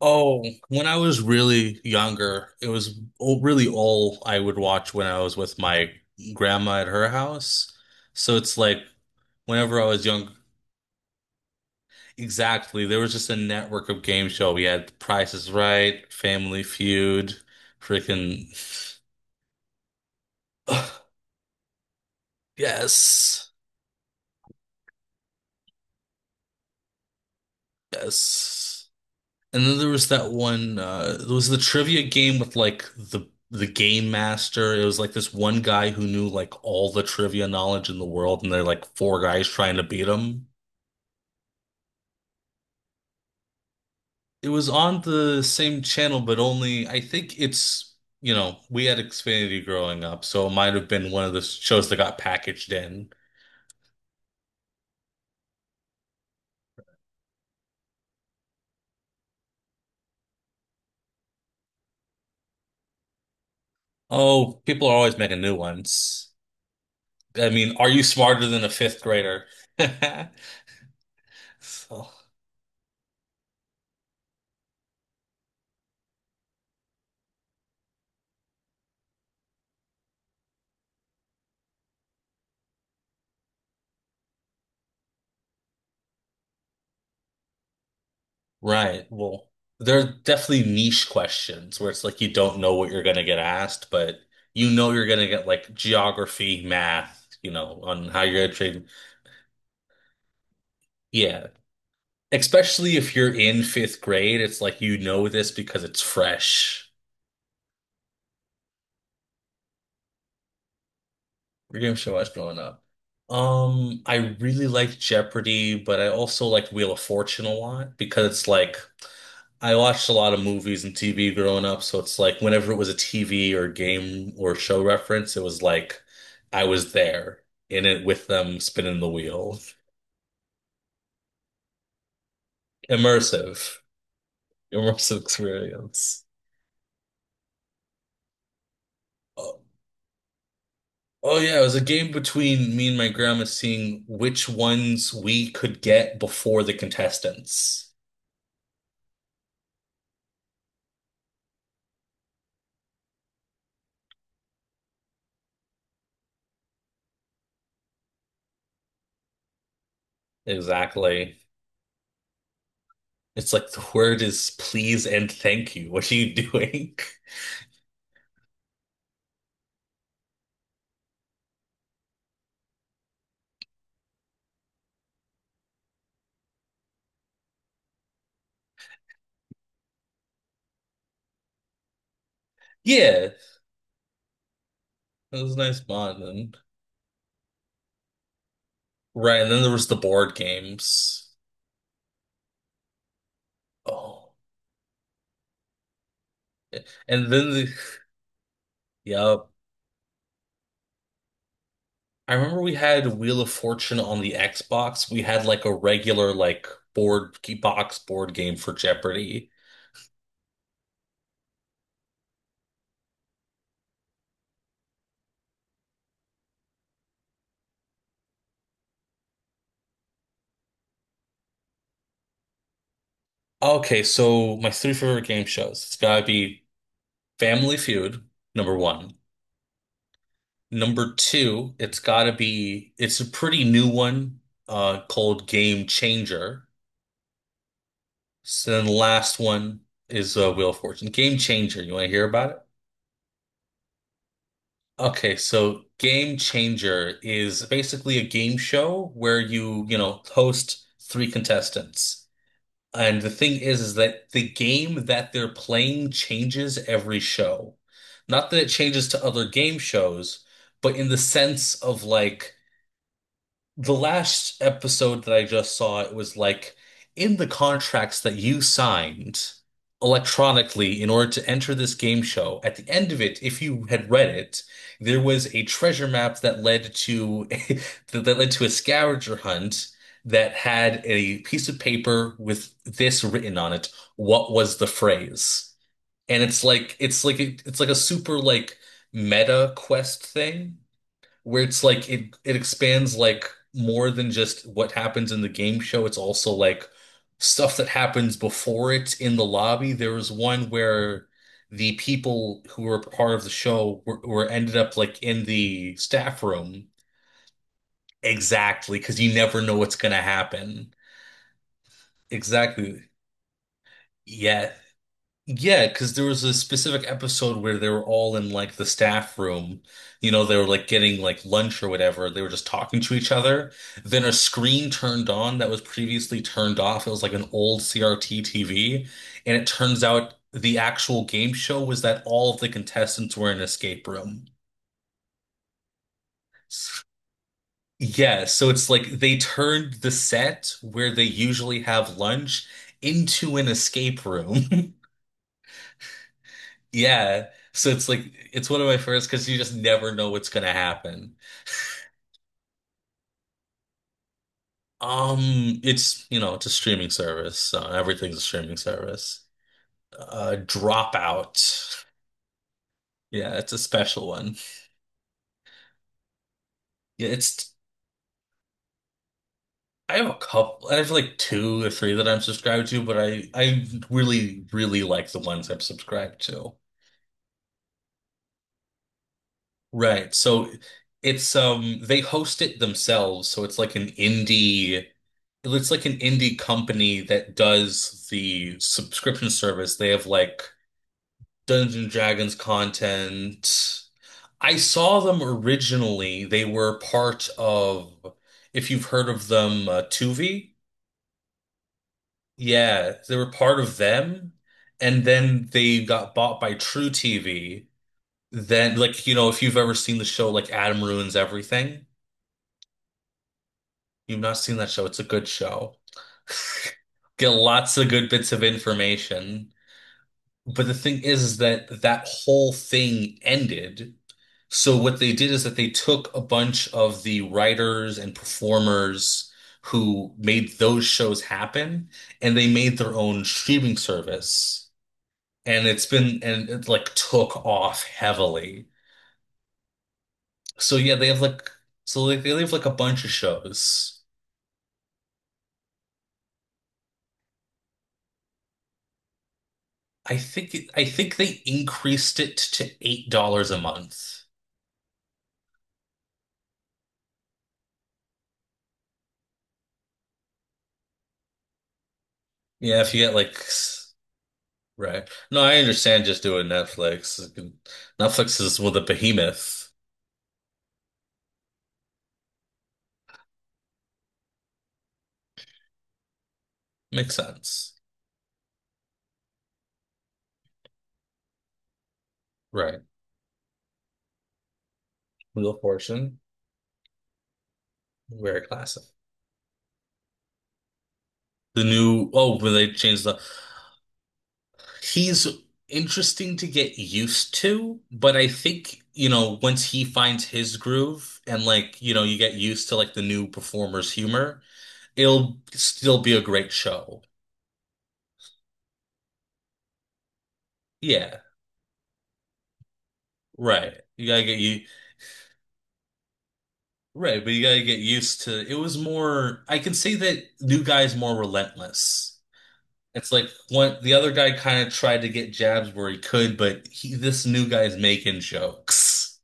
Oh, when I was really younger, it was all, really all I would watch when I was with my grandma at her house. So it's like whenever I was young, exactly, there was just a network of game show. We had Price is Right, Family Feud, freaking yes, yes. And then there was that one there was the trivia game with like the game master. It was like this one guy who knew like all the trivia knowledge in the world and they're like four guys trying to beat him. It was on the same channel, but only I think we had Xfinity growing up, so it might have been one of the shows that got packaged in. Oh, people are always making new ones. I mean, are you smarter than a fifth grader? So, right. Well, there are definitely niche questions where it's like you don't know what you're going to get asked, but you know you're going to get like geography, math, on how you're going to train. Yeah. Especially if you're in fifth grade, it's like you know this because it's fresh. We're going to show I was growing up. I really like Jeopardy, but I also like Wheel of Fortune a lot because it's like I watched a lot of movies and TV growing up, so it's like whenever it was a TV or game or show reference, it was like I was there in it with them spinning the wheel. Immersive, immersive experience. Oh, oh yeah, it was a game between me and my grandma seeing which ones we could get before the contestants. Exactly. It's like the word is please and thank you. What are you doing? Yeah, it was a nice bond. Right, and then there was the board games. Oh. And then the yep. I remember we had Wheel of Fortune on the Xbox. We had like a regular like board box board game for Jeopardy. Okay, so my three favorite game shows. It's gotta be Family Feud, number one. Number two, it's gotta be it's a pretty new one, called Game Changer. So then the last one is Wheel of Fortune. Game Changer, you wanna hear about it? Okay, so Game Changer is basically a game show where you, host three contestants. And the thing is that the game that they're playing changes every show. Not that it changes to other game shows, but in the sense of like the last episode that I just saw, it was like in the contracts that you signed electronically in order to enter this game show. At the end of it, if you had read it, there was a treasure map that led to that led to a scavenger hunt that had a piece of paper with this written on it. What was the phrase? And it's like a super like meta quest thing where it's like it expands like more than just what happens in the game show. It's also like stuff that happens before it in the lobby. There was one where the people who were part of the show were ended up like in the staff room. Exactly, because you never know what's gonna happen. Exactly. Yeah, Yeah, because there was a specific episode where they were all in like the staff room. You know, they were like getting like lunch or whatever. They were just talking to each other. Then a screen turned on that was previously turned off. It was like an old CRT TV. And it turns out the actual game show was that all of the contestants were in an escape room. S- Yeah, so it's like they turned the set where they usually have lunch into an escape room. Yeah. So it's like it's one of my first because you just never know what's gonna happen. It's a streaming service, so everything's a streaming service. Dropout. Yeah, it's a special one. Yeah, it's I have a couple I have like two or three that I'm subscribed to, but I really, really like the ones I'm subscribed to. Right. So it's they host it themselves, so it's like an indie company that does the subscription service. They have like Dungeons and Dragons content. I saw them originally. They were part of, if you've heard of them, Tuvi. Yeah, they were part of them, and then they got bought by True TV. Then, like, you know, if you've ever seen the show, like Adam Ruins Everything, you've not seen that show. It's a good show. Get lots of good bits of information. But the thing is that that whole thing ended. So what they did is that they took a bunch of the writers and performers who made those shows happen, and they made their own streaming service. And it's been and it like took off heavily. So yeah, they have like so like they have like a bunch of shows. I think it, I think they increased it to $8 a month. Yeah, if you get like Right. No, I understand just doing Netflix. Netflix is with a behemoth. Makes sense. Right. Wheel of Fortune, very classic. The new oh, when they changed the he's interesting to get used to, but I think, you know, once he finds his groove and like, you know, you get used to like the new performer's humor, it'll still be a great show. Yeah, right. You gotta get you right, but you gotta get used to it was more I can see that new guy's more relentless. It's like one the other guy kind of tried to get jabs where he could, but he this new guy's making jokes.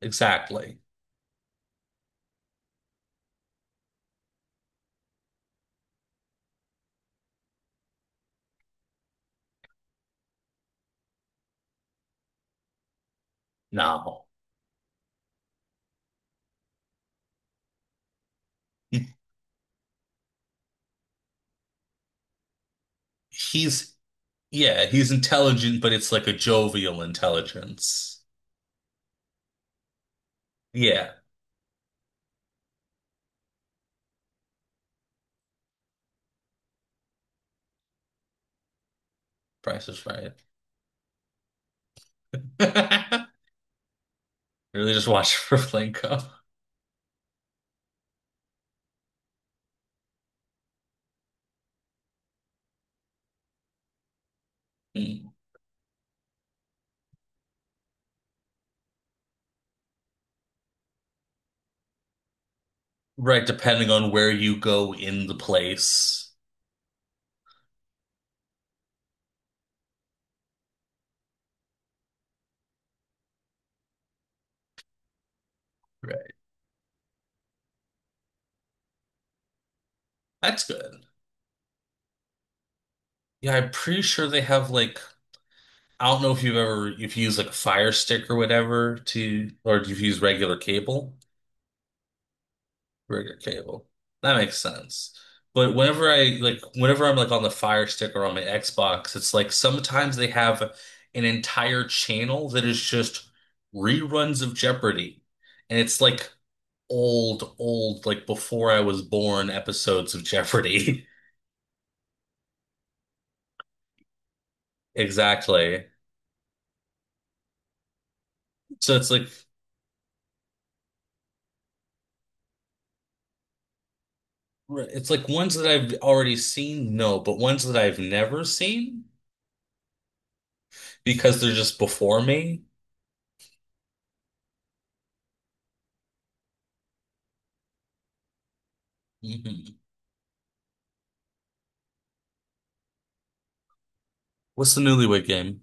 Exactly. No. He's yeah, he's intelligent, but it's like a jovial intelligence. Yeah, Price is right. Really just watch for Flanco. Right, depending on where you go in the place. Right. That's good. Yeah, I'm pretty sure they have like I don't know if you've ever if you use like a Fire Stick or whatever to or if you use regular cable, regular cable. That makes sense. But whenever I'm like on the Fire Stick or on my Xbox, it's like sometimes they have an entire channel that is just reruns of Jeopardy. And it's like old, old, like before I was born episodes of Jeopardy. Exactly. So it's like right. It's like ones that I've already seen, no, but ones that I've never seen because they're just before me. Mhm. What's the Newlywed Game?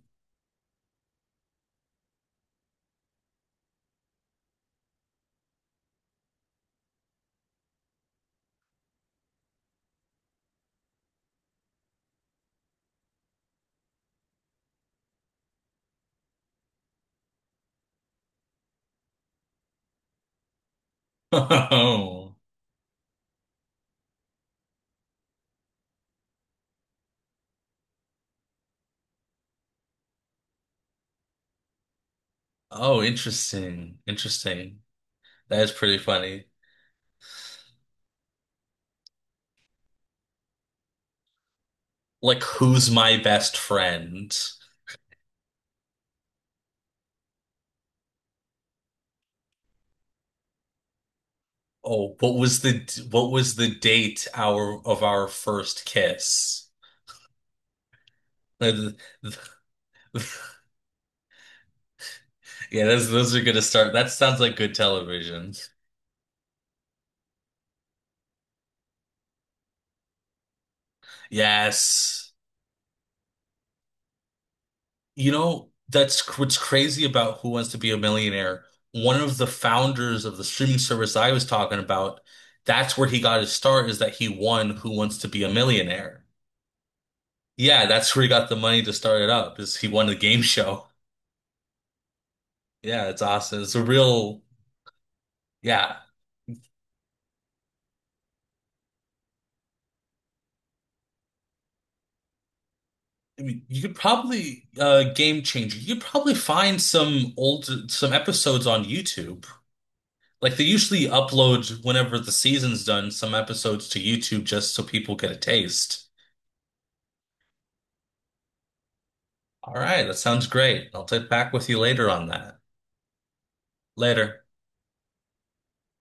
Oh, oh, interesting, interesting. That is pretty funny. Like, who's my best friend? Oh, what was the date our of our first kiss? Uh, th- th- Yeah, those are gonna start. That sounds like good television. Yes. You know, what's crazy about Who Wants to Be a Millionaire. One of the founders of the streaming service I was talking about, that's where he got his start, is that he won Who Wants to Be a Millionaire. Yeah, that's where he got the money to start it up, is he won the game show. Yeah, it's awesome. It's a real, yeah. I mean, you could probably game changer. You could probably find some old some episodes on YouTube. Like they usually upload whenever the season's done, some episodes to YouTube just so people get a taste. All right, that sounds great. I'll take back with you later on that. Later.